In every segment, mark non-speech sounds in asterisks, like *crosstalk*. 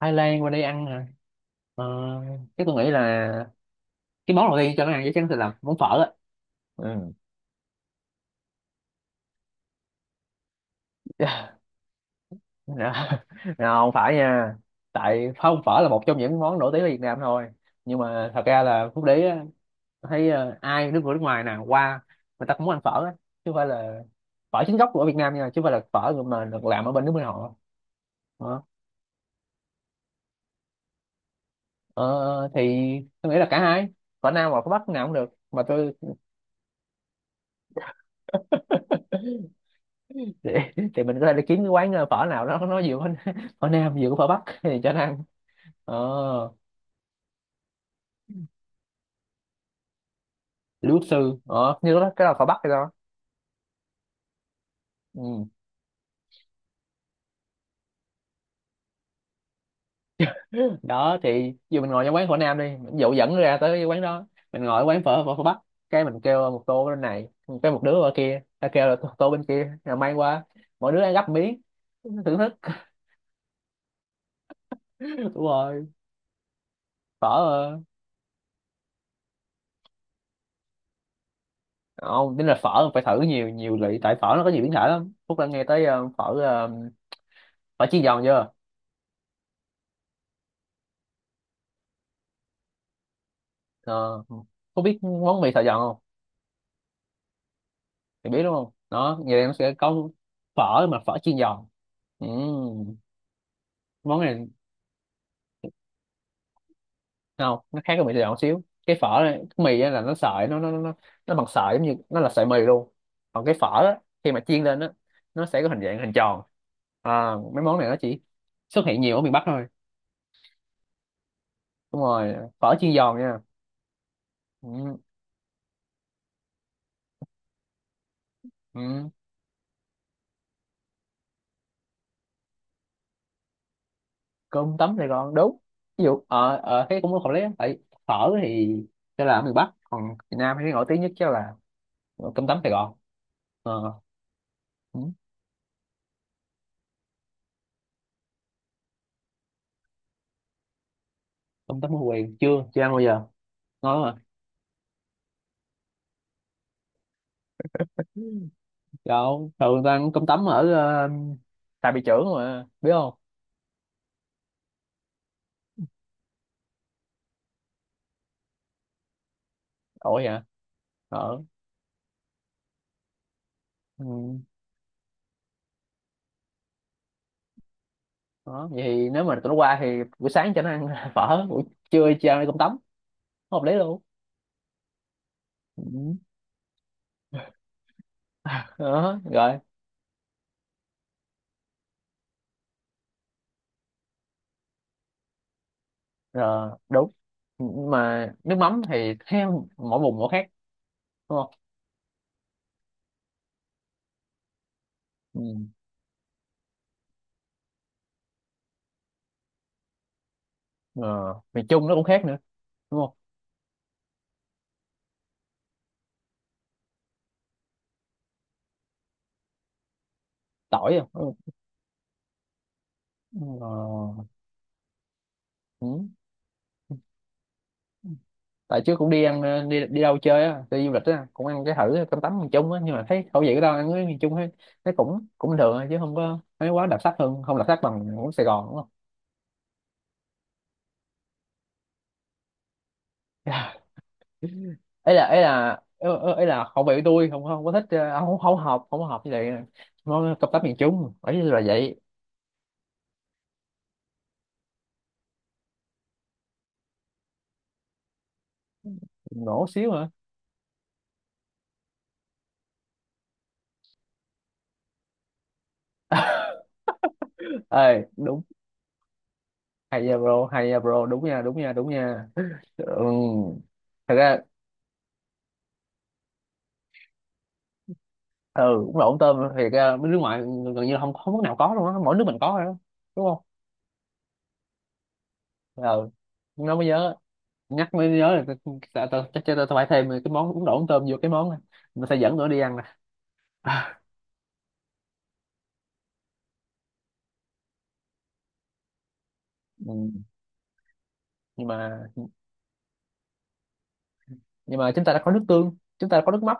Thái Lan qua đây ăn hả? ờ, Chắc tôi nghĩ là cái món đầu tiên cho nó ăn chắc chắn sẽ là món phở á. Ừ. *laughs* Dạ. Nào, không phải nha, tại không phở là một trong những món nổi tiếng ở Việt Nam thôi, nhưng mà thật ra là Phúc Đế á, thấy ai nước người nước ngoài nào qua người ta cũng muốn ăn phở á, chứ không phải là phở chính gốc của Việt Nam nha, chứ không phải là phở mà được làm ở bên nước bên họ. Đó. Ờ, thì tôi nghĩ là cả hai, phở Nam và phở Bắc nào cũng được mà tôi. *laughs* thì, thì mình có thể đi kiếm cái quán phở nào đó nó vừa có *laughs* phở nam vừa có phở bắc thì cho nó ăn. Ờ, Lý Quốc Sư ờ như đó cái là phở bắc hay sao? ừ. Đó thì dù mình ngồi trong quán phở nam đi, dụ dẫn ra tới cái quán đó, mình ngồi ở quán phở phở, phở bắc, cái mình kêu một tô bên này, cái một đứa ở kia ta kêu là tô tô bên kia rồi mang qua, mỗi đứa ăn gấp miếng, thưởng thức. *laughs* Đúng rồi. phở ờ, Không tính là phở phải thử nhiều nhiều lị, tại phở nó có nhiều biến thể lắm. Phúc đã nghe tới phở chiên giòn chưa? Ờ, có biết món mì Sài Gòn không? Thì biết đúng không? Đó, vậy là nó sẽ có phở chiên giòn. Ừ, món này không, nó khác với mì Sài Gòn một xíu. Cái phở này, cái mì á là nó nó bằng sợi giống như nó là sợi mì luôn. Còn cái phở á, khi mà chiên lên á, nó sẽ có hình dạng hình tròn. À, mấy món này nó chỉ xuất hiện nhiều ở miền Bắc thôi. Đúng rồi, phở chiên giòn nha. Ừ, ừ. Cơm tấm Sài Gòn đúng. Ví dụ ở ở thế cũng không lấy lắm. Tại phở thì sẽ là ở miền Bắc, còn miền Nam thì nổi tiếng nhất chắc là cơm tấm Sài Gòn. Ờ, ừ, cơm tấm Ngô Quyền chưa chưa ăn bao giờ. Ngon mà. Đâu thường ta ăn cơm tấm ở Tà Bị Chưởng mà biết không? Ủa vậy hả? Ở, ừ. Đó vậy thì nếu mà tụi nó qua thì buổi sáng cho nó ăn *laughs* phở, buổi trưa cho ăn cơm tấm, hợp lý luôn. Ừ. Đó rồi, rồi đúng. Nhưng mà nước mắm thì theo mỗi vùng mỗi khác, đúng. Ừ. ờ, Miền Trung nó cũng khác nữa đúng không? Tỏi không. Ừ. Ờ, ừ. Tại trước cũng đi ăn đi đi đâu chơi á, đi du lịch á, cũng ăn cái thử cơm tấm miền Trung á, nhưng mà thấy khẩu vị của tao ăn với miền Trung ấy, nó cũng cũng được thôi, chứ không có thấy quá đặc sắc, hơn không đặc sắc bằng của Sài Gòn đúng không? *laughs* ấy là ấy là Ấy là khẩu vị của tôi, không không có thích không không hợp, không hợp với lại món cơm tấm miền Trung ấy là vậy. Nổ xíu hả? *laughs* Ê đúng. Hay nha bro, hay nha bro, đúng nha, đúng nha, đúng nha. Ừ. Thật ra, ừ đúng là ống tôm thì bên nước ngoài gần như là không, không nước nào có luôn á, mỗi nước mình có rồi đó. Đúng không? Ừ. Nó mới nhớ, nhắc mới nhớ là ta tao tao- chắc tao tao phải thêm cái món bún đậu ống tôm vô cái món này. Mình sẽ dẫn nữa đi ăn nè. *laughs* Ừ. nhưng mà nhưng mà chúng ta đã có nước tương, chúng ta đã có nước mắm.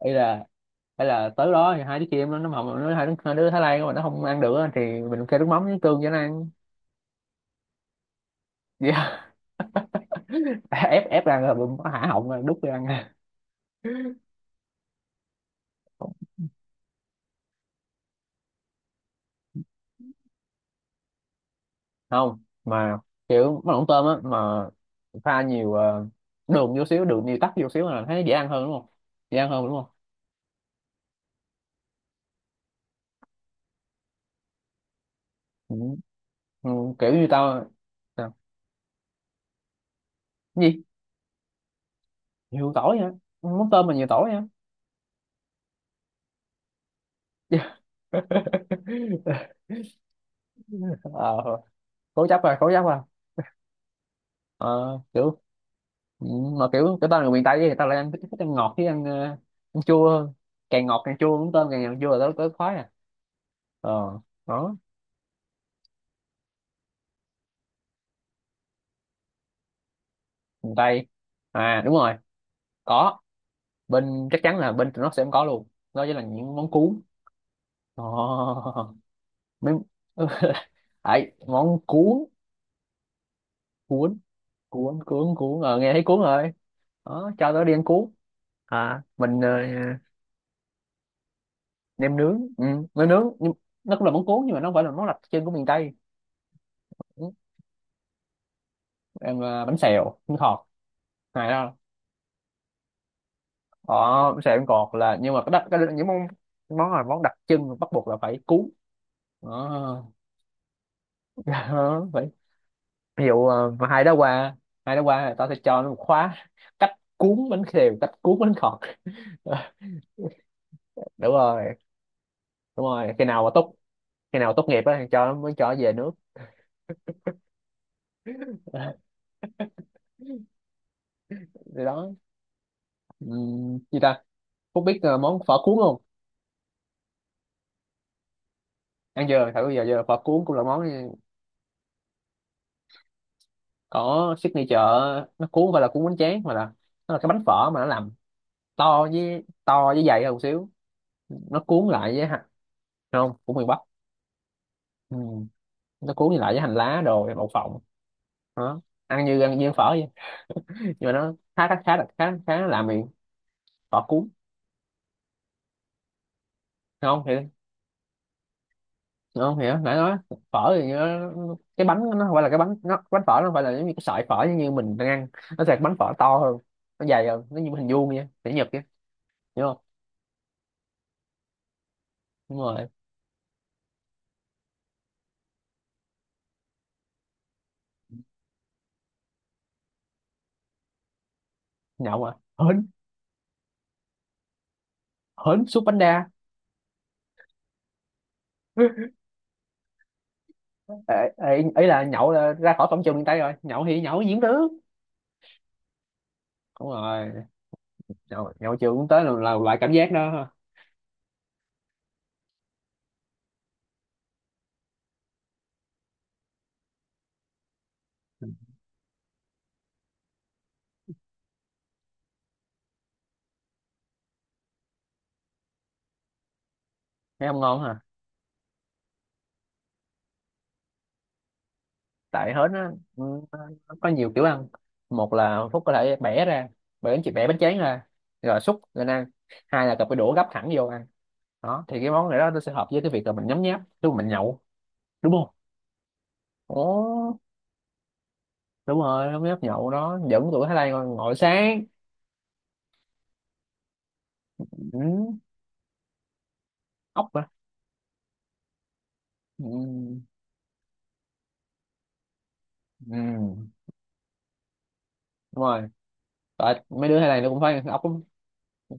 hay là hay là tới đó thì hai đứa kia em nó không nó hai đứa Thái Lan mà nó không ăn được á, thì mình kêu nước mắm với nước tương cho nó ăn. *laughs* Dạ. ép ép ăn rồi mình hả họng rồi, đút cho ăn. Không, mà kiểu món lẩu tôm á mà, pha nhiều đường vô xíu, đường nhiều tắc vô xíu là thấy dễ ăn hơn đúng không? Dễ ăn hơn đúng không? Ừ. Ừ, kiểu như tao. Sao? Cái gì? Nhiều tỏi hả? Món tôm mà nhiều tỏi hả? *laughs* Ờ, cố chấp rồi. Ờ, kiểu ừ, mà kiểu cái tao là người miền Tây thì tao lại ăn thích, thích ăn ngọt với ăn, ăn chua hơn. Càng ngọt càng chua, món tôm càng ngọt chua là tao tao khoái à. Ờ, đó. Miền Tây à? Đúng rồi, có, bên chắc chắn là bên tụi nó sẽ không có luôn, đó chính là những món cuốn. Oh. Mấy *laughs* món cuốn cuốn cuốn cuốn cuốn nghe thấy cuốn rồi. Đó cho tao đi ăn cuốn. À mình nem nướng. Ừ, nem nướng nhưng nó cũng là món cuốn, nhưng mà nó không phải là món đặc trưng của miền Tây. Ừ, em bánh xèo bánh khọt này đó. Ờ, bánh xèo bánh khọt là nhưng mà cái, đặc, cái những món món là món đặc trưng bắt buộc là phải cuốn. Đó. *laughs* Ví dụ mà hai đó qua, hai đó qua là tao sẽ cho nó một khóa cách cuốn bánh khều, cách cuốn bánh khọt. Ờ, *laughs* đúng rồi, đúng rồi. Khi nào tốt nghiệp á thì cho nó mới cho nó về nước. Ờ, thì đó. Gì ta. Phúc biết món phở cuốn không? Ăn chưa thử bây giờ, giờ phở cuốn cũng là món có signature. Nó cuốn không phải là cuốn bánh tráng mà là nó là cái bánh phở mà nó làm to với dày hơn một xíu. Nó cuốn lại với hành không của miền Bắc. Ừm, nó cuốn lại với hành lá đồ đậu phộng. Đó, ăn như phở vậy, nhưng mà nó khá khá khá là khá khá làm miệng. Phở cuốn, không thì không hiểu nãy nói. Phở thì nó, cái bánh nó không phải là cái bánh nó bánh phở nó không phải là giống như cái sợi phở như mình đang ăn. Nó sẽ bánh phở to hơn, nó dày hơn, nó như hình vuông vậy để nhật vậy, hiểu không? Đúng rồi. Nhậu à? Hến, hến súp bánh đa. *laughs* Ê, ê, ý là nhậu là ra khỏi cổng trường miền Tây rồi, nhậu thì nhậu diễn tướng. Đúng rồi. Nhậu trường cũng tới là loại cảm giác đó ha. Thấy không ngon hả? Tại hến á ừ, nó có nhiều kiểu ăn. Một là Phúc có thể bẻ ra, bẻ bánh tráng ra rồi xúc lên ăn. Hai là cầm cái đũa gắp thẳng vô ăn. Đó thì cái món này đó nó sẽ hợp với cái việc là mình nhấm nháp lúc mình nhậu, đúng không? Ồ, đúng rồi, nhấm nháp nhậu đó, dẫn tụi Thái Lan ngồi sáng. Ừ, ốc hả? Ừ, ừ, đúng rồi. Tại mấy đứa Thái Lan nó cũng phải ăn ốc lắm.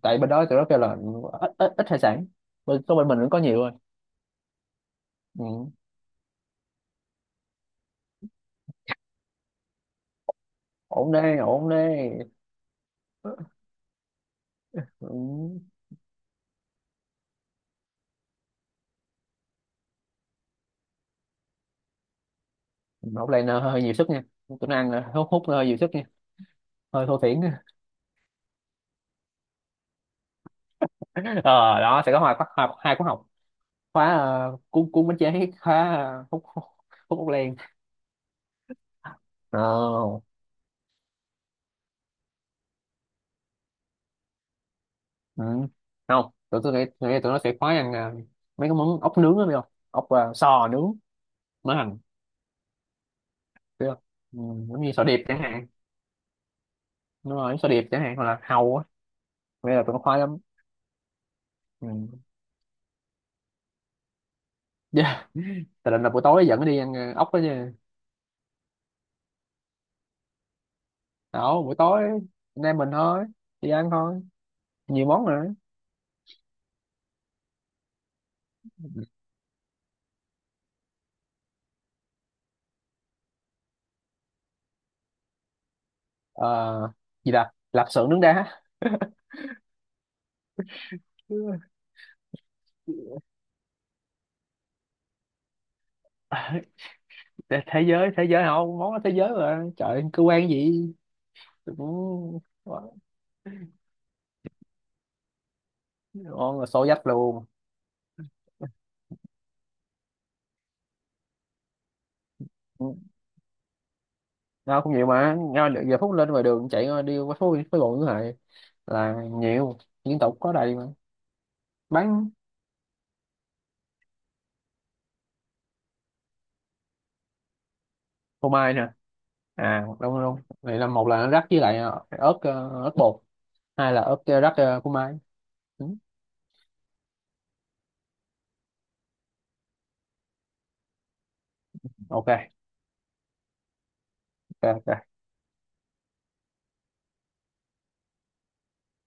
Tại bên đó tụi nó kêu là ít ít, ít hải sản, bên có bên mình cũng có nhiều rồi. Ừ. Ổn đây, ổn đây. Ừ. Hút lên hơi nhiều sức nha. Tôi ăn là hút hút hơi nhiều sức nha. Hơi thô thiển. *laughs* Ờ đó sẽ có hai khóa, hai khóa học. Khóa cuốn cuốn bánh chế, khóa ờ, hút hút hút hút len. Ờ, ừ. Không tụi tôi nghĩ, tôi nghĩ tụi nó sẽ khóa ăn mấy cái món ốc nướng đó biết không? Ốc sò nướng mỡ hành, biết không? Ừ, giống như sò điệp chẳng hạn. Đúng rồi sò điệp chẳng hạn, hoặc là hàu á, bây giờ tụi nó khoái lắm. Ừ. Yeah. Tại định là buổi tối dẫn nó đi ăn ốc đó nha. Đó buổi tối anh em mình thôi, đi ăn thôi, nhiều món nữa. ờ, Gì là lạp xưởng nướng đá. *laughs* thế Thế giới, thế giới không món đó, thế giới mà trời cơ quan gì cũng. Ngon là xô dách luôn. Ừ, ngon cũng nhiều mà, ngon được giờ phút lên ngoài đường chạy ngon đi qua phố phố bộ như vậy là nhiều, liên tục có đầy mà. Bán phô mai nè. À đúng đúng, vậy là một là rắc với lại ớt bột, hai là ớt rắc phô mai. Ừ, ok, ok, ok.